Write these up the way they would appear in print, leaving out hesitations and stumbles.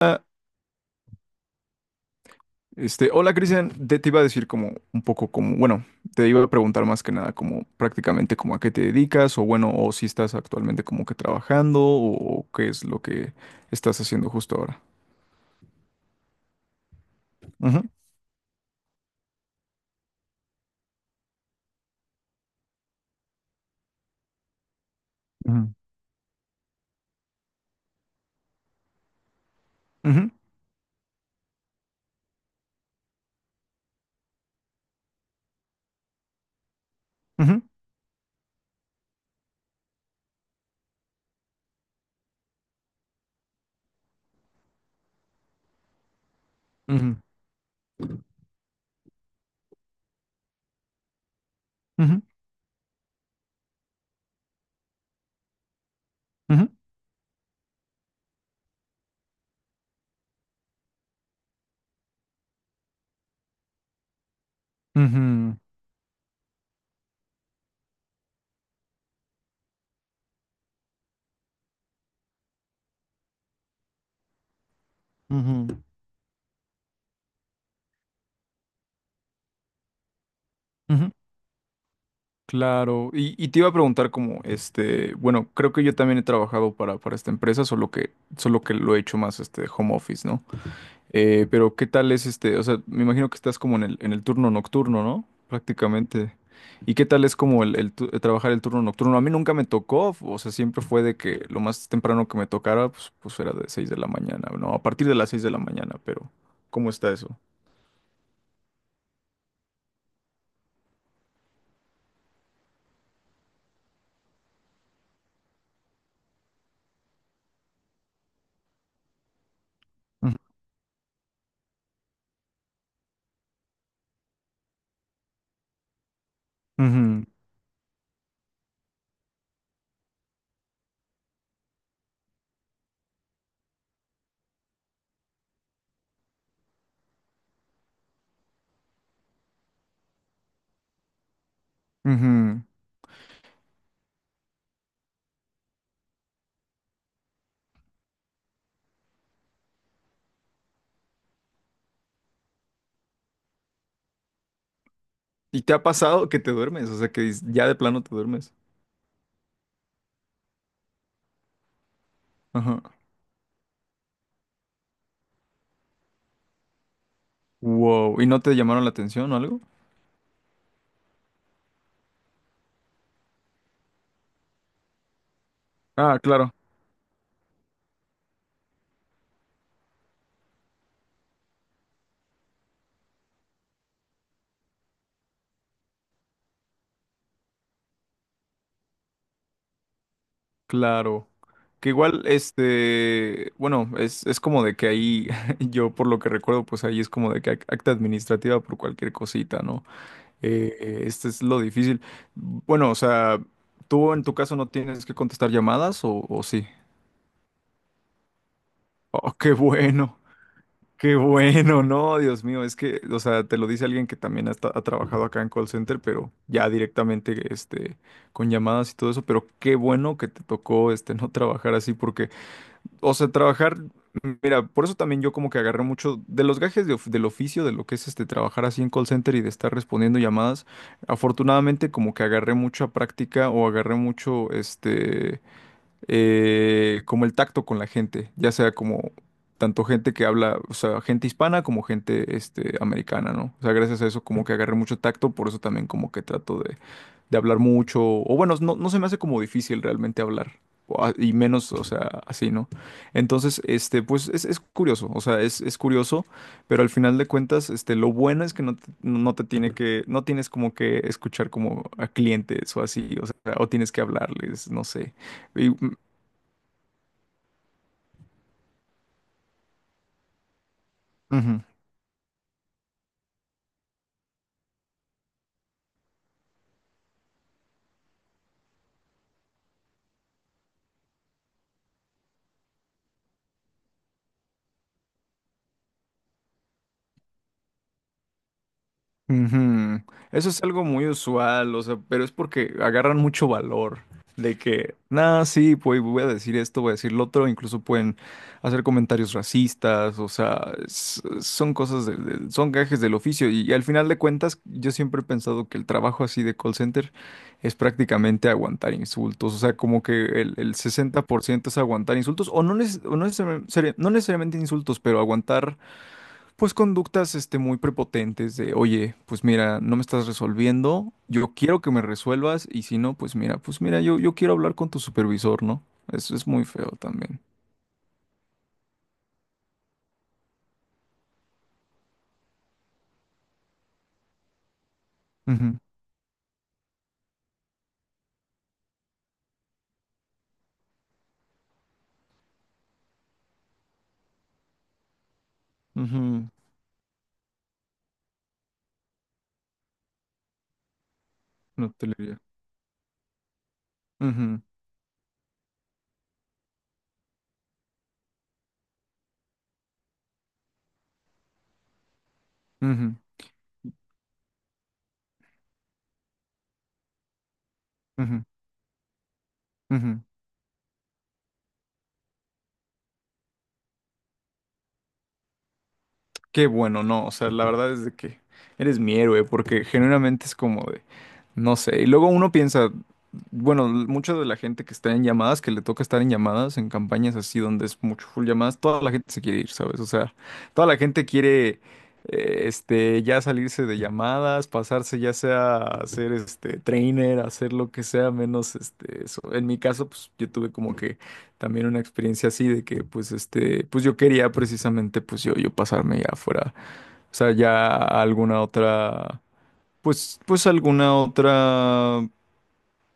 Ah, hola Cristian, te iba a decir como un poco como, bueno, te iba a preguntar más que nada como prácticamente como a qué te dedicas o bueno, o si estás actualmente como que trabajando o qué es lo que estás haciendo justo ahora. Ujú, ujú, ujú, ujú, ujú, ujú, ujú, ujú, ujú. Claro, y te iba a preguntar como, bueno, creo que yo también he trabajado para esta empresa, solo que lo he hecho más home office, ¿no? Pero ¿qué tal es este? O sea, me imagino que estás como en en el turno nocturno, ¿no? Prácticamente. ¿Y qué tal es como trabajar el turno nocturno? A mí nunca me tocó, o sea, siempre fue de que lo más temprano que me tocara, pues era de 6 de la mañana, no, a partir de las 6 de la mañana, pero ¿cómo está eso? Ujú, ujú. Ujú. ¿Y te ha pasado que te duermes? O sea, que ya de plano te duermes. Ajá. Wow. ¿Y no te llamaron la atención o algo? Ah, claro. Claro. Que igual, bueno, es como de que ahí, yo por lo que recuerdo, pues ahí es como de que acta administrativa por cualquier cosita, ¿no? Este es lo difícil. Bueno, o sea, ¿tú en tu caso no tienes que contestar llamadas o sí? Oh, qué bueno, no, Dios mío, es que, o sea, te lo dice alguien que también ha trabajado acá en call center, pero ya directamente, con llamadas y todo eso, pero qué bueno que te tocó, no trabajar así porque... O sea, trabajar, mira, por eso también yo como que agarré mucho de los gajes del oficio, de lo que es este trabajar así en call center y de estar respondiendo llamadas. Afortunadamente como que agarré mucha práctica o agarré mucho como el tacto con la gente, ya sea como tanto gente que habla, o sea, gente hispana como gente americana, ¿no? O sea, gracias a eso como que agarré mucho tacto, por eso también como que trato de hablar mucho, o bueno, no se me hace como difícil realmente hablar, y menos, o sea, así, ¿no? Entonces, pues es curioso, o sea, es curioso, pero al final de cuentas, lo bueno es que no te tiene que, no tienes como que escuchar como a clientes o así, o sea, o tienes que hablarles, no sé. Y, mm, ujú. Ujú. Eso es algo muy usual, o sea, pero es porque agarran mucho valor de que, nada, sí, pues voy a decir esto, voy a decir lo otro, incluso pueden hacer comentarios racistas, o sea, son cosas, son gajes del oficio y, al final de cuentas yo siempre he pensado que el trabajo así de call center es prácticamente aguantar insultos, o sea, como que el 60% es aguantar insultos o no, o no necesariamente no necesariamente insultos, pero aguantar pues conductas muy prepotentes de, oye, pues mira, no me estás resolviendo, yo quiero que me resuelvas y si no, pues mira, yo quiero hablar con tu supervisor, ¿no? Eso es muy feo también. Ujú, ujú. No te le diría. Ujú, ujú, ujú, ujú. Qué bueno, no, o sea, la verdad es de que eres mi héroe, porque genuinamente es como de, no sé, y luego uno piensa, bueno, mucha de la gente que está en llamadas, que le toca estar en llamadas, en campañas así donde es mucho full llamadas, toda la gente se quiere ir, ¿sabes? O sea, toda la gente quiere, ya salirse de llamadas, pasarse ya sea a ser, trainer, a hacer lo que sea, menos, eso. En mi caso, pues yo tuve como que también una experiencia así de que yo quería precisamente yo pasarme ya fuera, o sea ya a alguna otra, alguna otra,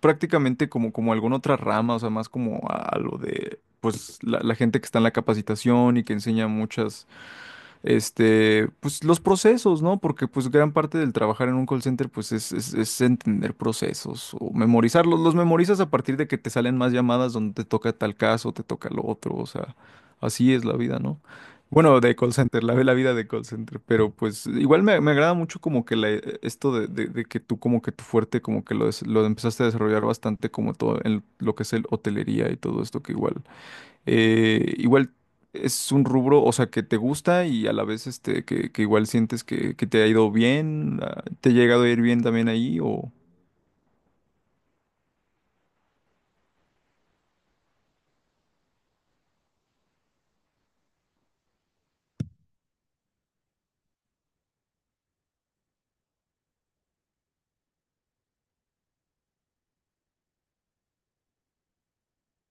prácticamente como alguna otra rama, o sea más como a lo de pues la gente que está en la capacitación y que enseña muchas pues los procesos, ¿no? Porque pues gran parte del trabajar en un call center pues es entender procesos o memorizarlos. Los memorizas a partir de que te salen más llamadas donde te toca tal caso, te toca lo otro, o sea, así es la vida, ¿no? Bueno, de call center, la vida de call center, pero pues igual me agrada mucho como que esto de que tú como que tu fuerte como que lo empezaste a desarrollar bastante como todo en lo que es el hotelería y todo esto que igual es un rubro, o sea, que te gusta y a la vez que igual sientes que te ha ido bien, ah, te ha llegado a ir bien también ahí o...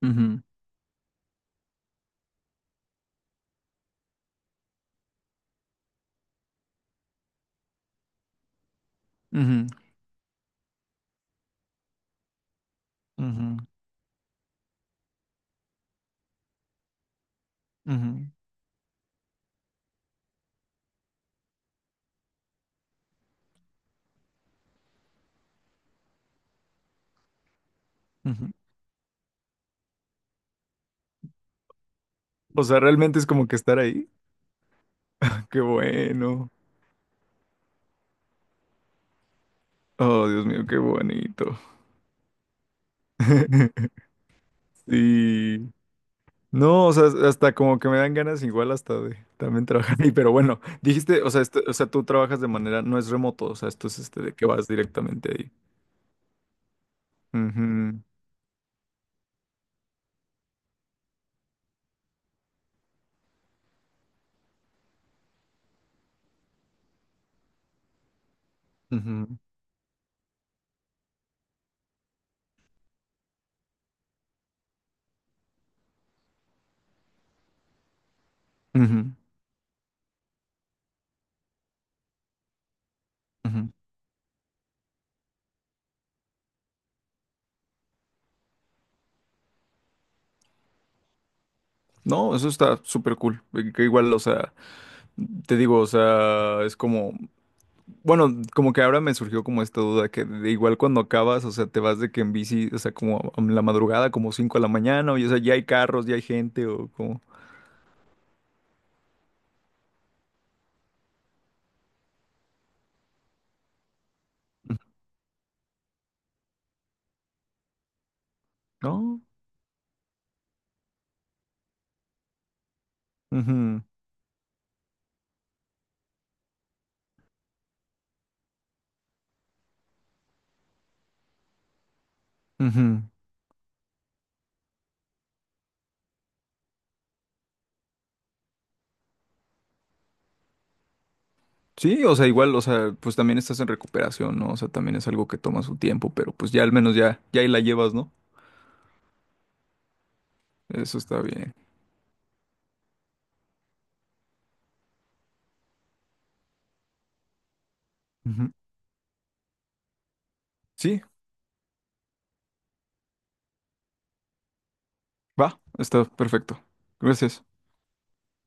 Ujú, ujú, ujú, ujú, ujú. O sea, realmente es como que estar ahí. Qué bueno. Oh, Dios mío, qué bonito. Sí. No, o sea, hasta como que me dan ganas igual hasta de también trabajar ahí, pero bueno, dijiste, o sea, o sea, tú trabajas de manera, no es remoto, o sea, esto es este de que vas directamente ahí. Ujú, ujú, ujú. No, eso está súper cool. Que Igual, o sea, te digo, o sea, es como, bueno, como que ahora me surgió como esta duda que de igual cuando acabas, o sea, te vas de que en bici, o sea, como a la madrugada, como 5 de la mañana, o ya, o sea, ya hay carros, ya hay gente, o como, ¿no? Ujú, ujú. Sí, o sea, igual, o sea, pues también estás en recuperación, ¿no? O sea, también es algo que toma su tiempo, pero pues ya al menos ya ahí la llevas, ¿no? Eso está bien. Ujú. Sí, va, está perfecto. Gracias.